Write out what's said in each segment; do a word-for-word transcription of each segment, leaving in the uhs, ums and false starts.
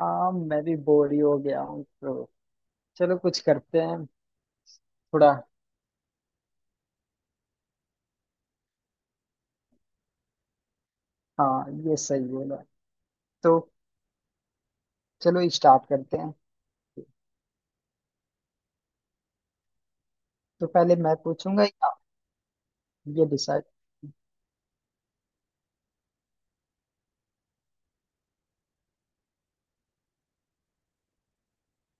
हाँ मैं भी बोर ही हो गया हूँ तो चलो कुछ करते हैं। थोड़ा। हाँ ये सही बोला। तो चलो स्टार्ट करते हैं। तो पहले मैं पूछूंगा या आप? ये डिसाइड।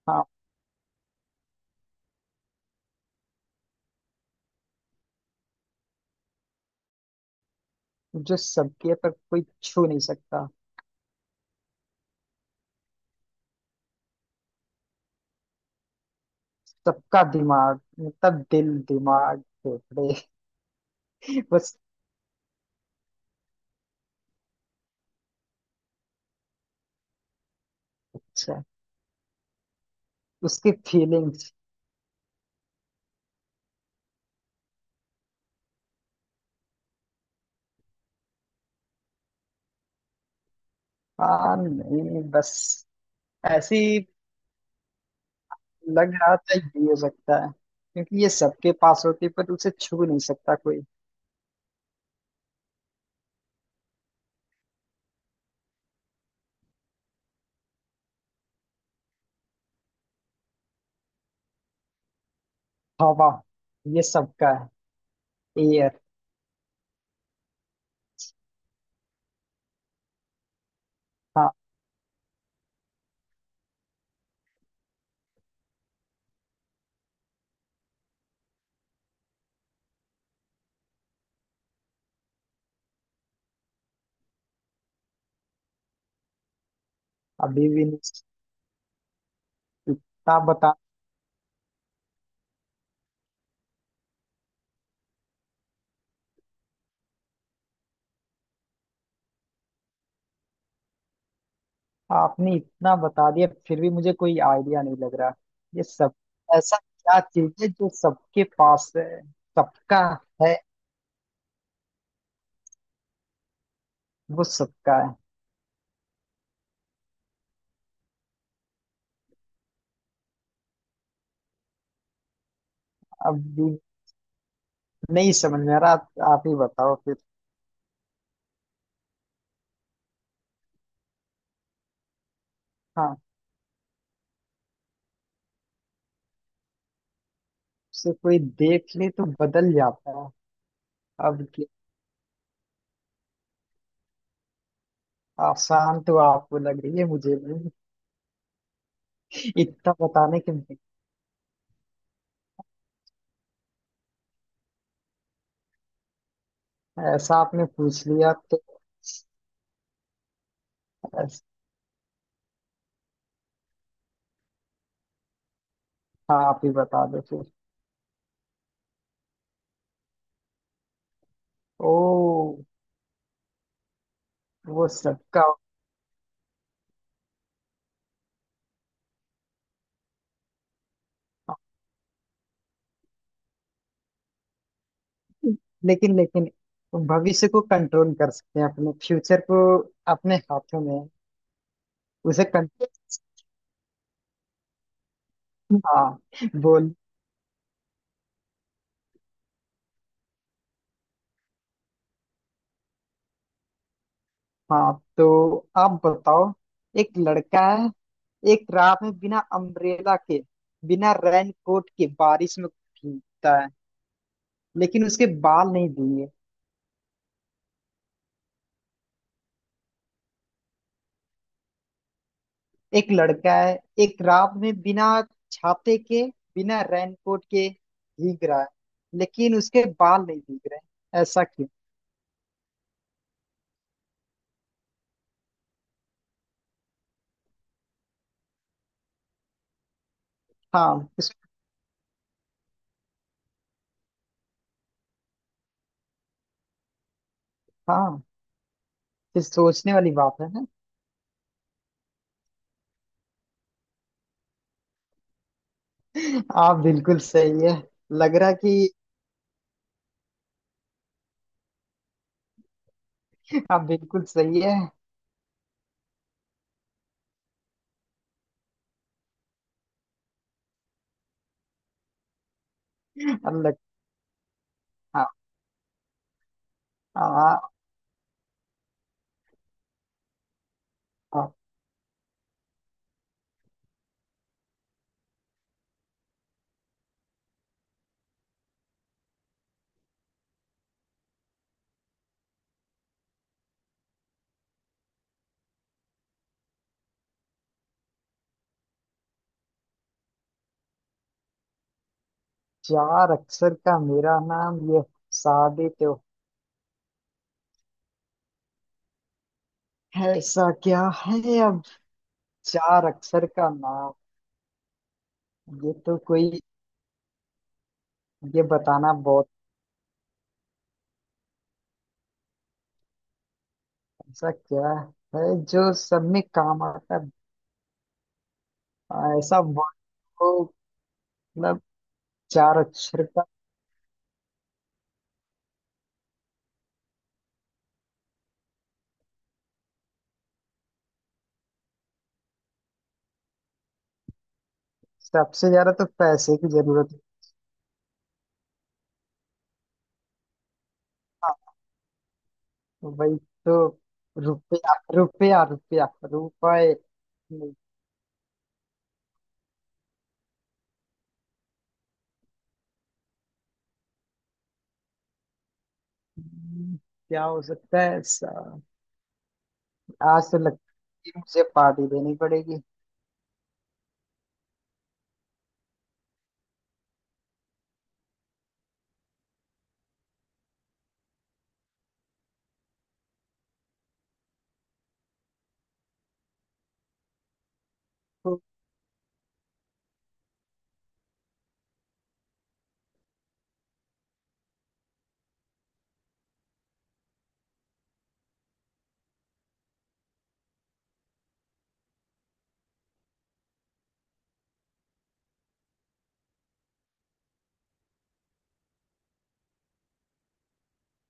हाँ। जो सबके है, पर कोई छू नहीं सकता। सबका दिमाग मतलब दिल दिमाग फेफड़े। बस। अच्छा। उसकी फीलिंग्स। हाँ नहीं बस ऐसे ही लग रहा था ये हो सकता है क्योंकि ये सबके पास होती है, पर उसे छू नहीं सकता कोई। हवा ये सबका है। ये था। अभी भी नहीं। आप बता। आपने इतना बता दिया फिर भी मुझे कोई आइडिया नहीं लग रहा। ये सब ऐसा क्या चीज है जो सबके पास है। सबका है। वो सबका है। अभी नहीं समझ में आ रहा। आप, आप ही बताओ फिर। हाँ। उसे कोई देख ले तो बदल जाता है। अब क्या। आसान तो आपको लग रही है मुझे भी इतना बताने के बाद। ऐसा आपने पूछ लिया तो। ऐस- हाँ आप ही बता दो फिर। ओ। वो सबका होगा। लेकिन लेकिन भविष्य को कंट्रोल कर सकते हैं। अपने फ्यूचर को अपने हाथों में है। उसे कंट्रोल। हाँ बोल। हाँ तो आप बताओ। एक लड़का है एक रात में बिना अम्ब्रेला के बिना रेन कोट के बारिश में भीगता है लेकिन उसके बाल नहीं भीगे। एक लड़का है एक रात में बिना छाते के बिना रेन कोट के भीग रहा है लेकिन उसके बाल नहीं भीग रहे। ऐसा क्यों। हाँ इस। हाँ ये सोचने वाली बात है ना। आप बिल्कुल सही है। लग रहा कि आप बिल्कुल सही है। अब लग। हाँ। हाँ। हाँ। चार अक्षर का मेरा नाम ये साबित हो। ऐसा क्या है अब। चार अक्षर का नाम ये तो कोई। ये बताना बहुत। ऐसा क्या है जो सब में काम आता है। ऐसा वर्ड हो मतलब चार अक्षर का। सबसे ज्यादा तो पैसे की जरूरत। वही तो। रुपया रुपया रुपया रुपए। हम्म, क्या हो सकता है ऐसा। आज तो लगता है मुझे पार्टी देनी पड़ेगी। तो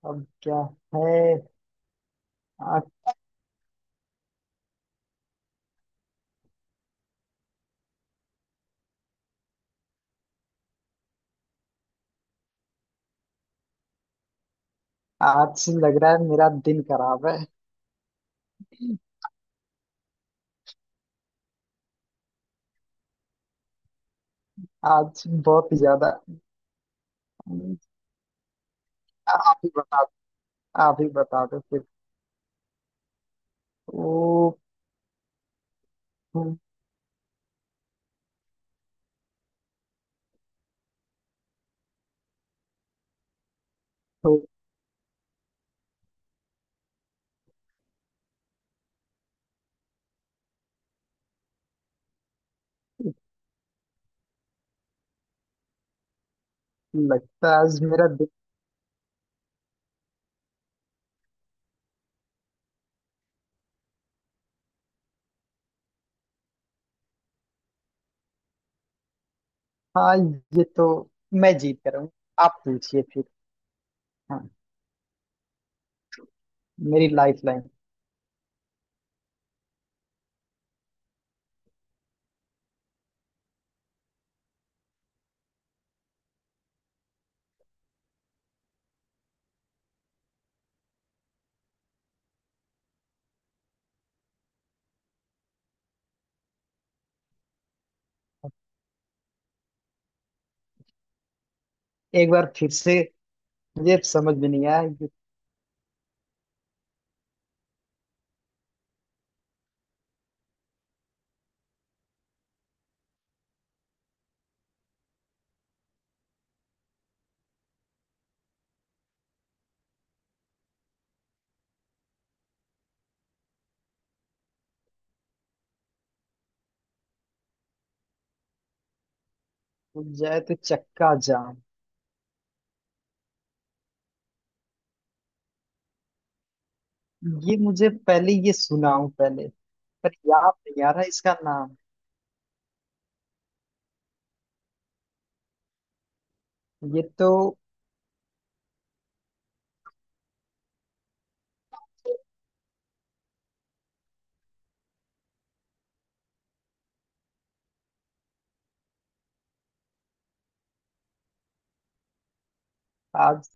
अब क्या है। आ, आज से लग रहा है मेरा दिन खराब है। आज बहुत ही ज्यादा। हम्म, आप ही बता। आप ही बता दो फिर। ओ। हम्म, तो लगता है आज मेरा दिन। हाँ ये तो। मैं जीत कर रहा हूँ। आप पूछिए फिर। हाँ मेरी लाइफ लाइन। एक बार फिर से। ये समझ में नहीं आया ये। टूट जाए तो चक्का जाम। ये मुझे पहले ये सुना हूं पहले, पर याद नहीं आ रहा इसका नाम। ये तो। आज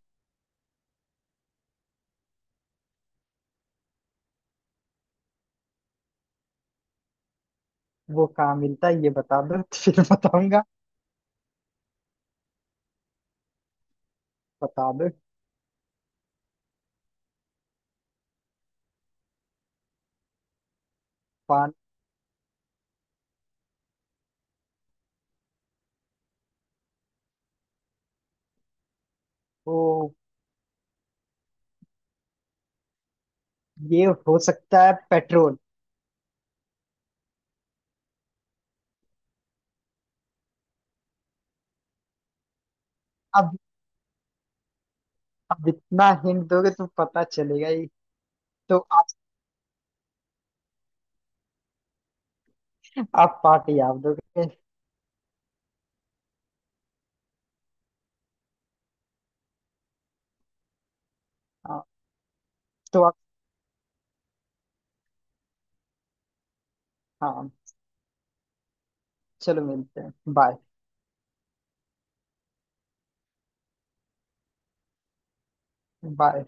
वो कहाँ मिलता है ये बता दो। फिर बताऊंगा। बता दो। पान। ओ ये हो सकता है पेट्रोल। अब अब इतना हिंट दोगे तो पता चलेगा ही। तो आप आप पार्टी आप दोगे। हाँ, तो आप। हाँ चलो मिलते हैं। Bye bye.